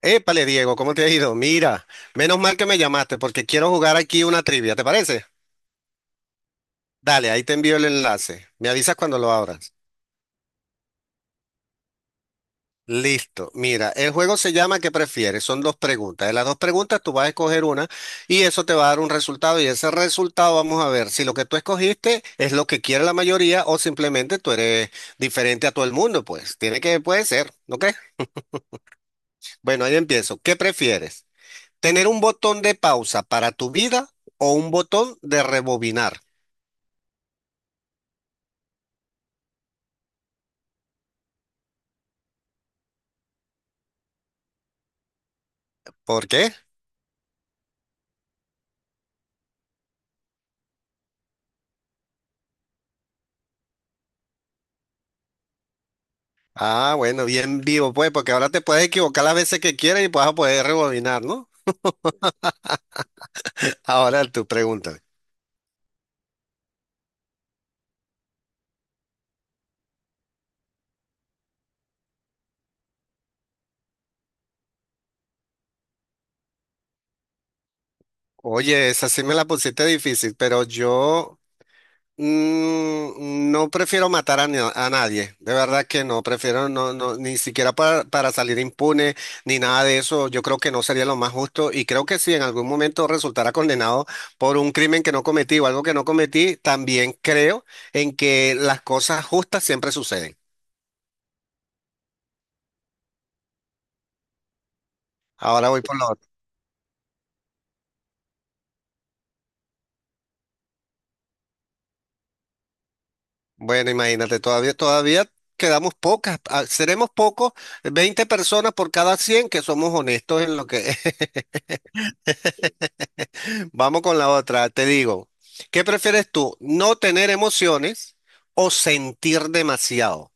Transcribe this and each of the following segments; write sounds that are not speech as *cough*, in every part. Épale, Diego, ¿cómo te ha ido? Mira, menos mal que me llamaste porque quiero jugar aquí una trivia, ¿te parece? Dale, ahí te envío el enlace. Me avisas cuando lo abras. Listo. Mira, el juego se llama ¿Qué prefieres? Son dos preguntas. De las dos preguntas tú vas a escoger una y eso te va a dar un resultado y ese resultado vamos a ver si lo que tú escogiste es lo que quiere la mayoría o simplemente tú eres diferente a todo el mundo, pues. Tiene que, puede ser, ¿no crees? Bueno, ahí empiezo. ¿Qué prefieres? Tener un botón de pausa para tu vida o un botón de rebobinar. ¿Por qué? Ah, bueno, bien vivo, pues, porque ahora te puedes equivocar las veces que quieras y vas a poder rebobinar, ¿no? Ahora tú pregúntame. Oye, esa sí me la pusiste difícil, pero yo no prefiero matar a, na- a nadie, de verdad que no, prefiero no, no, ni siquiera para salir impune ni nada de eso. Yo creo que no sería lo más justo y creo que si en algún momento resultara condenado por un crimen que no cometí o algo que no cometí, también creo en que las cosas justas siempre suceden. Ahora voy por lo otro. Bueno, imagínate, todavía quedamos pocas, ah, seremos pocos, 20 personas por cada 100 que somos honestos en lo que, *laughs* Vamos con la otra. Te digo, ¿qué prefieres tú? ¿No tener emociones o sentir demasiado?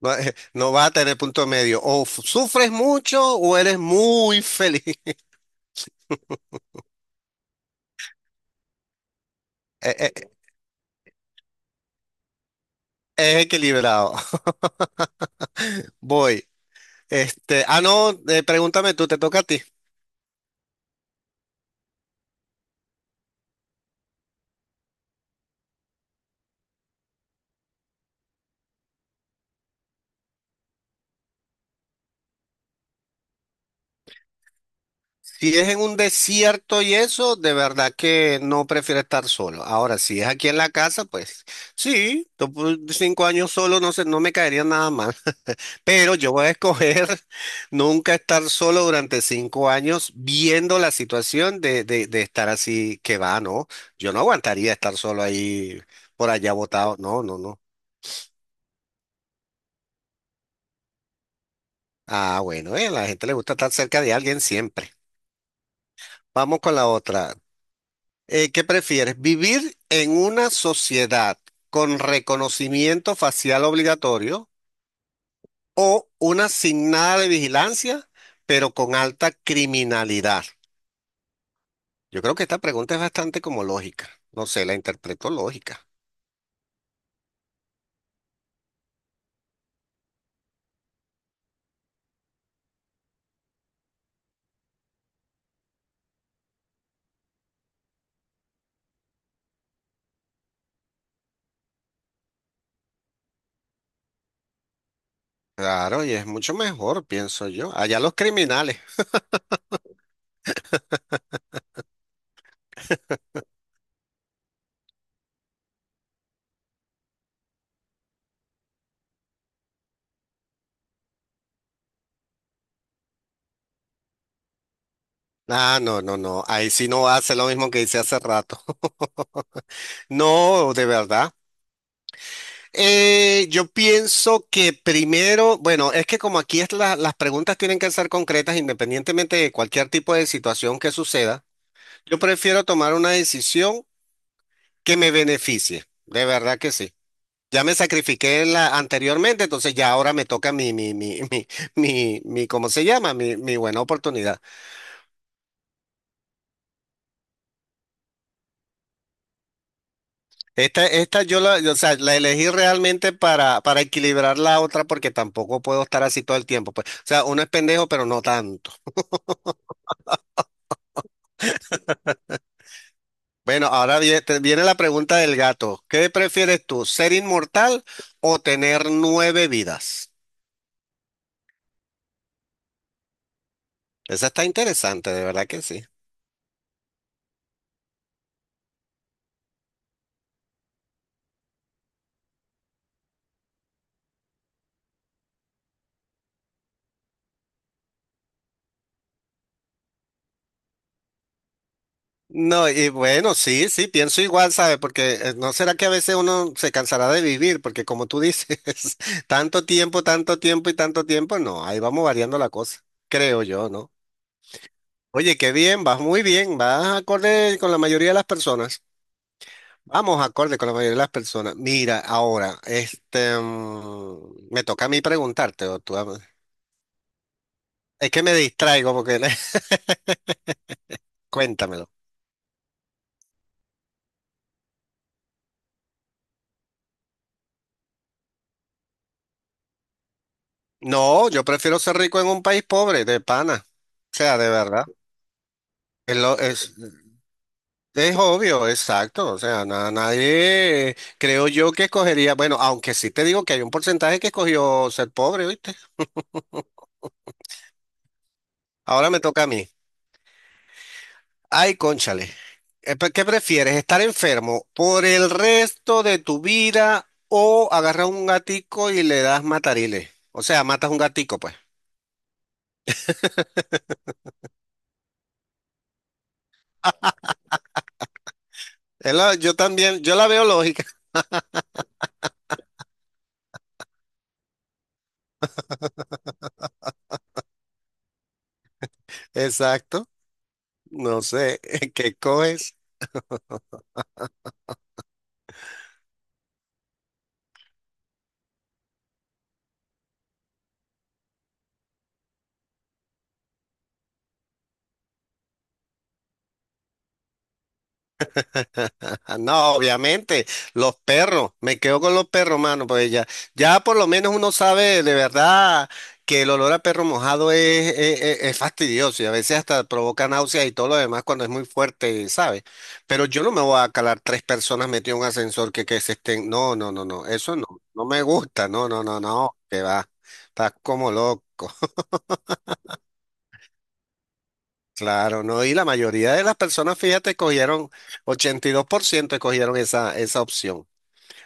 No, no vas a tener punto medio. O f- sufres mucho o eres muy feliz. *laughs* Eh, eh, Es equilibrado. *laughs* Voy. Este, ah, no, Pregúntame tú, te toca a ti. Si es en un desierto y eso, de verdad que no prefiero estar solo. Ahora, si es aquí en la casa, pues sí, to- por 5 años solo no sé, no me caería nada mal. Pero yo voy a escoger *laughs* nunca estar solo durante 5 años viendo la situación de estar así que va, ¿no? Yo no aguantaría estar solo ahí por allá botado. No, no, no. Ah, bueno, a la gente le gusta estar cerca de alguien siempre. Vamos con la otra. ¿Qué prefieres? ¿Vivir en una sociedad con reconocimiento facial obligatorio o una sin nada de vigilancia, pero con alta criminalidad? Yo creo que esta pregunta es bastante como lógica. No sé, la interpreto lógica. Claro, y es mucho mejor, pienso yo. Allá los criminales. Ah, no, no, no. Ahí sí no hace lo mismo que hice hace rato. *laughs* No, de verdad. Yo pienso que primero, bueno, es que como aquí es la- las preguntas tienen que ser concretas independientemente de cualquier tipo de situación que suceda, yo prefiero tomar una decisión que me beneficie. De verdad que sí. Ya me sacrifiqué la, anteriormente, entonces ya ahora me toca *laughs* ¿cómo se llama? Mi buena oportunidad. Esta yo la, o sea, la elegí realmente para equilibrar la otra porque tampoco puedo estar así todo el tiempo. Pues. O sea, uno es pendejo, pero no tanto. Bueno, ahora viene la pregunta del gato. ¿Qué prefieres tú, ser inmortal o tener nueve vidas? Esa está interesante, de verdad que sí. No, y bueno, sí, sí, pienso igual, ¿sabe? Porque no será que a veces uno se cansará de vivir, porque como tú dices, *laughs* tanto tiempo y tanto tiempo, no, ahí vamos variando la cosa, creo yo, ¿no? Oye, qué bien, vas muy bien, vas acorde con la mayoría de las personas. Vamos acorde con la mayoría de las personas. Mira, ahora, me toca a mí preguntarte, o tú, a- es que me distraigo porque, *laughs* cuéntamelo. No, yo prefiero ser rico en un país pobre, de pana, o sea, de verdad. Es, lo- es obvio, exacto. O sea, na- nadie, creo yo que escogería, bueno, aunque sí te digo que hay un porcentaje que escogió ser pobre, ¿viste? Ahora me toca a mí. Ay, cónchale. ¿Qué prefieres? ¿Estar enfermo por el resto de tu vida o agarrar un gatico y le das matariles? O sea, matas un gatico, pues. Es la- yo también, yo la veo lógica. *laughs* Exacto. No sé, *laughs* ¿qué coges? *laughs* No, obviamente, los perros, me quedo con los perros, mano, pues ya, ya por lo menos uno sabe de verdad que el olor a perro mojado es fastidioso y a veces hasta provoca náuseas y todo lo demás cuando es muy fuerte, ¿sabes? Pero yo no me voy a calar tres personas metidas en un ascensor que se estén, no, no, no, no, eso no, no me gusta, no, no, no, no, que va, estás como loco. *laughs* Claro, no, y la mayoría de las personas, fíjate, cogieron, 82% escogieron esa, esa opción.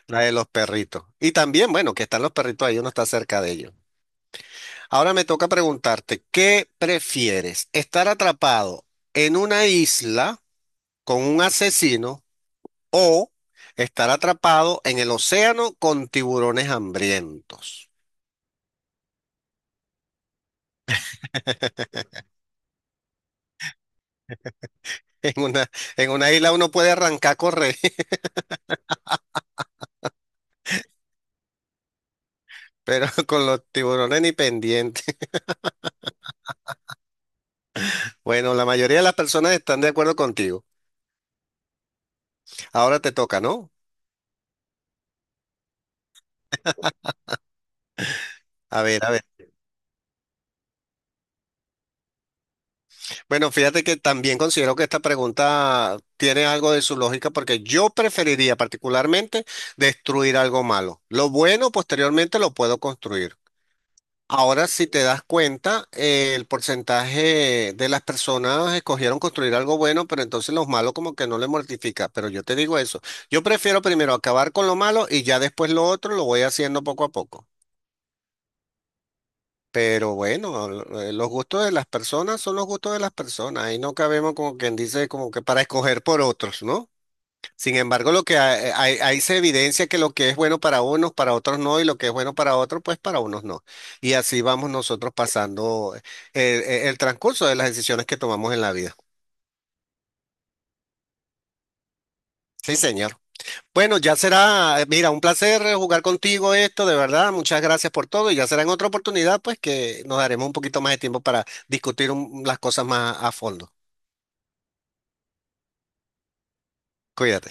La de los perritos. Y también, bueno, que están los perritos ahí, uno está cerca de ellos. Ahora me toca preguntarte, ¿qué prefieres? ¿Estar atrapado en una isla con un asesino o estar atrapado en el océano con tiburones hambrientos? *laughs* En una isla uno puede arrancar a correr, *laughs* pero con los tiburones ni pendientes. *laughs* Bueno, la mayoría de las personas están de acuerdo contigo. Ahora te toca, ¿no? A ver, a ver. Bueno, fíjate que también considero que esta pregunta tiene algo de su lógica porque yo preferiría particularmente destruir algo malo. Lo bueno posteriormente lo puedo construir. Ahora, si te das cuenta, el porcentaje de las personas escogieron construir algo bueno, pero entonces los malos como que no le mortifica. Pero yo te digo eso, yo prefiero primero acabar con lo malo y ya después lo otro lo voy haciendo poco a poco. Pero bueno, los gustos de las personas son los gustos de las personas. Ahí no cabemos como quien dice, como que para escoger por otros, ¿no? Sin embargo, lo que hay- ahí se evidencia que lo que es bueno para unos, para otros no, y lo que es bueno para otros, pues para unos no. Y así vamos nosotros pasando el transcurso de las decisiones que tomamos en la vida. Sí, señor. Bueno, ya será, mira, un placer jugar contigo esto, de verdad. Muchas gracias por todo y ya será en otra oportunidad, pues que nos daremos un poquito más de tiempo para discutir un- las cosas más a fondo. Cuídate.